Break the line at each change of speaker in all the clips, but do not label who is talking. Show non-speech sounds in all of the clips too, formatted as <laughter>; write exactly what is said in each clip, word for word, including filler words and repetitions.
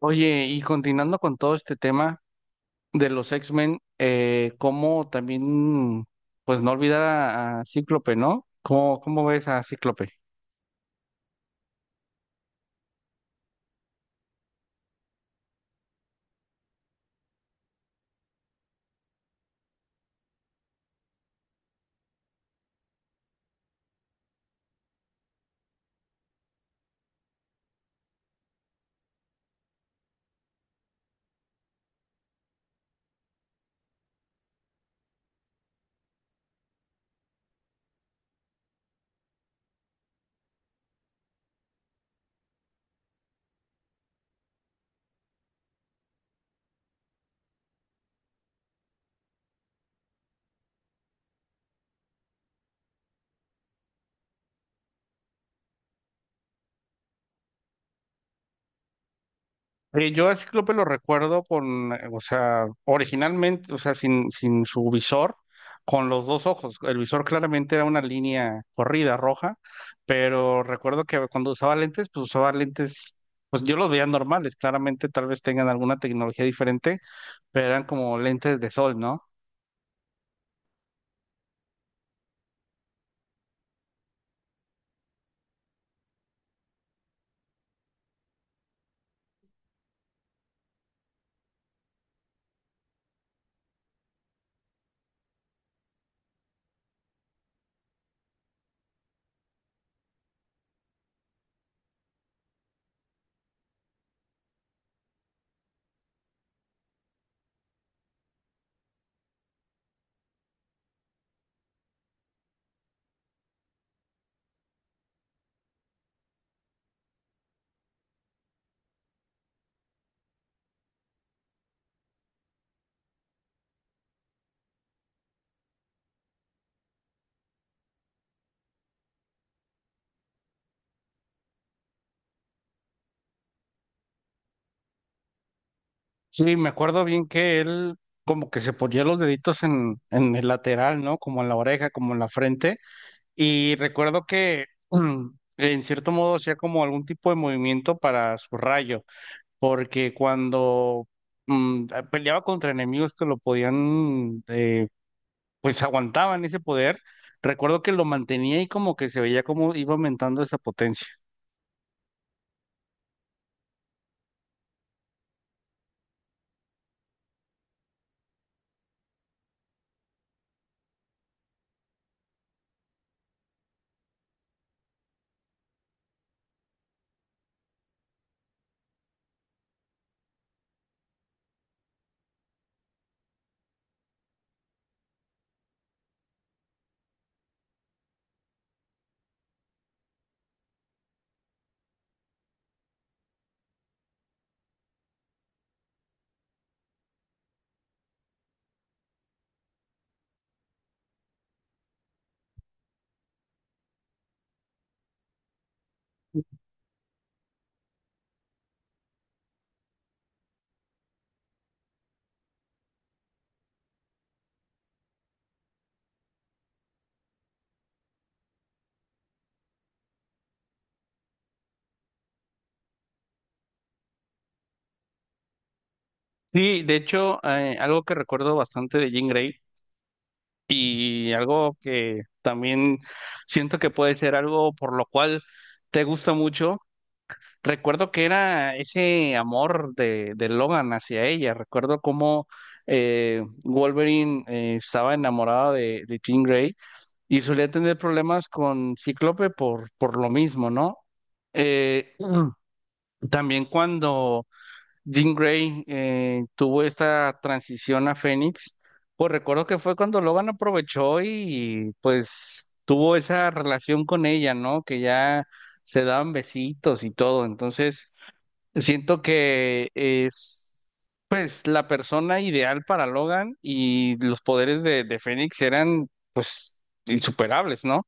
Oye, y continuando con todo este tema de los X-Men, eh, cómo también, pues no olvidar a, a Cíclope, ¿no? ¿Cómo, cómo ves a Cíclope? Eh, yo a Cíclope lo recuerdo con, eh, o sea, originalmente, o sea, sin, sin su visor, con los dos ojos. El visor claramente era una línea corrida roja, pero recuerdo que cuando usaba lentes, pues usaba lentes, pues yo los veía normales, claramente tal vez tengan alguna tecnología diferente, pero eran como lentes de sol, ¿no? Sí, me acuerdo bien que él como que se ponía los deditos en, en el lateral, ¿no? Como en la oreja, como en la frente. Y recuerdo que <clears throat> mm, en cierto modo hacía como algún tipo de movimiento para su rayo, porque cuando mm, ah, peleaba contra enemigos que lo podían, eh, pues aguantaban ese poder, recuerdo que lo mantenía y como que se veía como iba aumentando esa potencia. Sí, de hecho, eh, algo que recuerdo bastante de Jean Grey y algo que también siento que puede ser algo por lo cual te gusta mucho. Recuerdo que era ese amor de, de Logan hacia ella. Recuerdo cómo eh, Wolverine eh, estaba enamorado de, de Jean Grey y solía tener problemas con Cíclope por, por lo mismo, ¿no? Eh, Mm. También cuando Jean Grey eh, tuvo esta transición a Fénix, pues recuerdo que fue cuando Logan aprovechó y pues tuvo esa relación con ella, ¿no? Que ya se daban besitos y todo. Entonces, siento que es pues la persona ideal para Logan y los poderes de, de Fénix eran pues insuperables, ¿no?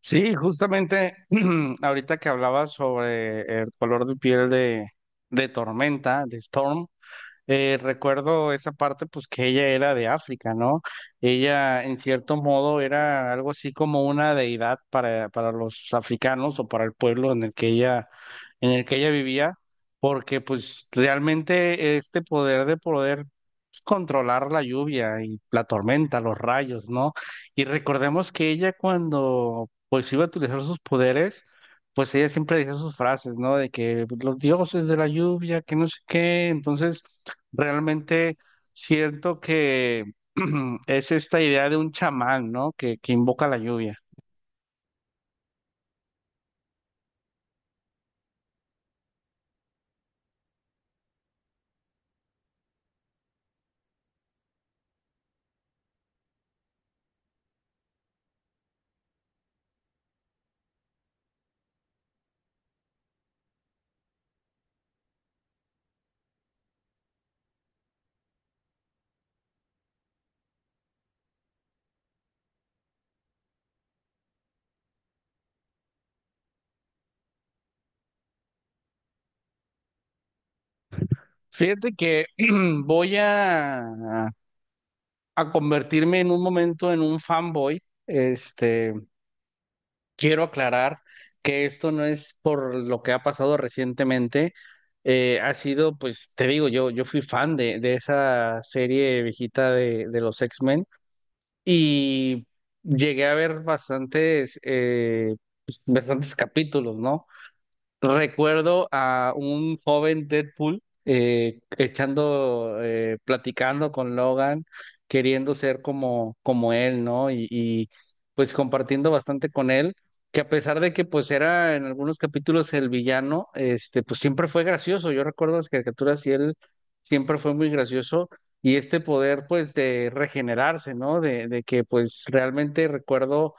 Sí, justamente <clears throat> ahorita que hablabas sobre el color de piel de, de Tormenta, de Storm. Eh, recuerdo esa parte, pues que ella era de África, ¿no? Ella, en cierto modo, era algo así como una deidad para, para los africanos o para el pueblo en el que ella, en el que ella vivía, porque pues realmente este poder de poder controlar la lluvia y la tormenta, los rayos, ¿no? Y recordemos que ella cuando pues iba a utilizar sus poderes, pues ella siempre decía sus frases, ¿no? De que los dioses de la lluvia, que no sé qué. Entonces realmente siento que <clears throat> es esta idea de un chamán, ¿no? Que, que invoca la lluvia. Fíjate que <clears throat> voy a, a convertirme en un momento en un fanboy. Este, quiero aclarar que esto no es por lo que ha pasado recientemente. Eh, ha sido, pues, te digo, yo, yo fui fan de, de esa serie viejita de, de los X-Men. Y llegué a ver bastantes, eh, pues, bastantes capítulos, ¿no? Recuerdo a un joven Deadpool eh, echando, eh, platicando con Logan, queriendo ser como, como él, ¿no? Y, y, pues compartiendo bastante con él, que a pesar de que pues era en algunos capítulos el villano, este, pues siempre fue gracioso. Yo recuerdo las caricaturas y él siempre fue muy gracioso. Y este poder pues de regenerarse, ¿no? De, de que pues realmente recuerdo,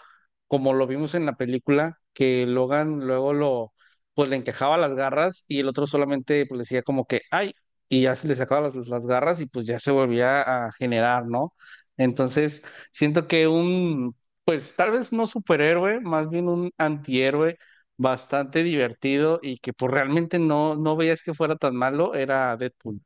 como lo vimos en la película, que Logan luego lo pues le encajaba las garras y el otro solamente pues, le decía como que, ay, y ya se le sacaba las, las garras y pues ya se volvía a generar, ¿no? Entonces, siento que un, pues tal vez no superhéroe, más bien un antihéroe bastante divertido y que pues realmente no, no veías que fuera tan malo, era Deadpool.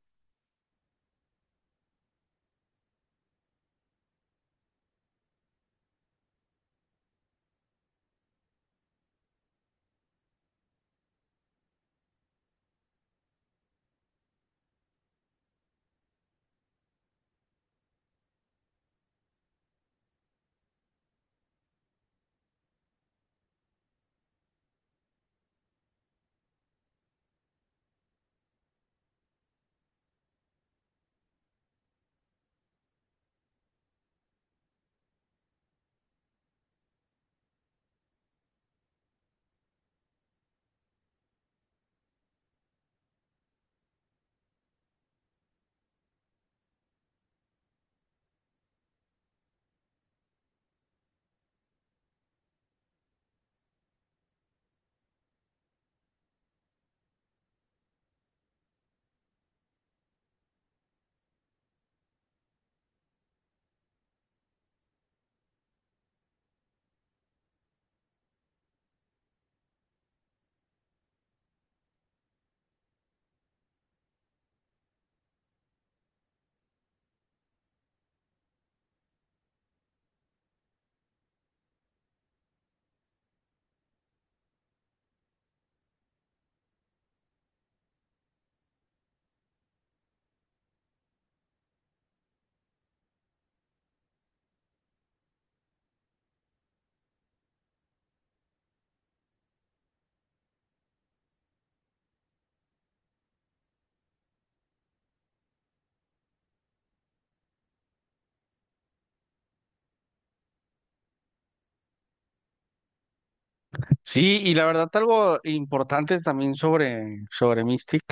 Sí, y la verdad algo importante también sobre, sobre Mystic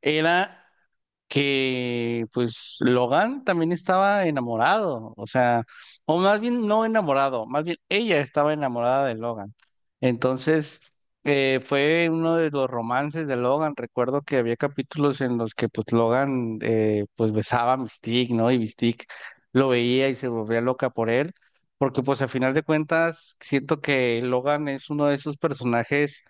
era... que pues Logan también estaba enamorado, o sea, o más bien no enamorado, más bien ella estaba enamorada de Logan. Entonces, eh, fue uno de los romances de Logan. Recuerdo que había capítulos en los que pues Logan eh, pues besaba a Mystique, ¿no? Y Mystique lo veía y se volvía loca por él, porque pues a final de cuentas siento que Logan es uno de esos personajes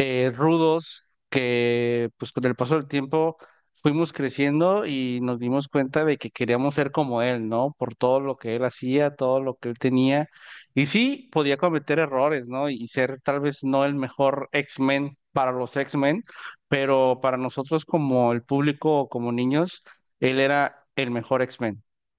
eh, rudos que pues con el paso del tiempo fuimos creciendo y nos dimos cuenta de que queríamos ser como él, ¿no? Por todo lo que él hacía, todo lo que él tenía. Y sí, podía cometer errores, ¿no? Y ser tal vez no el mejor X-Men para los X-Men, pero para nosotros como el público, como niños, él era el mejor X-Men.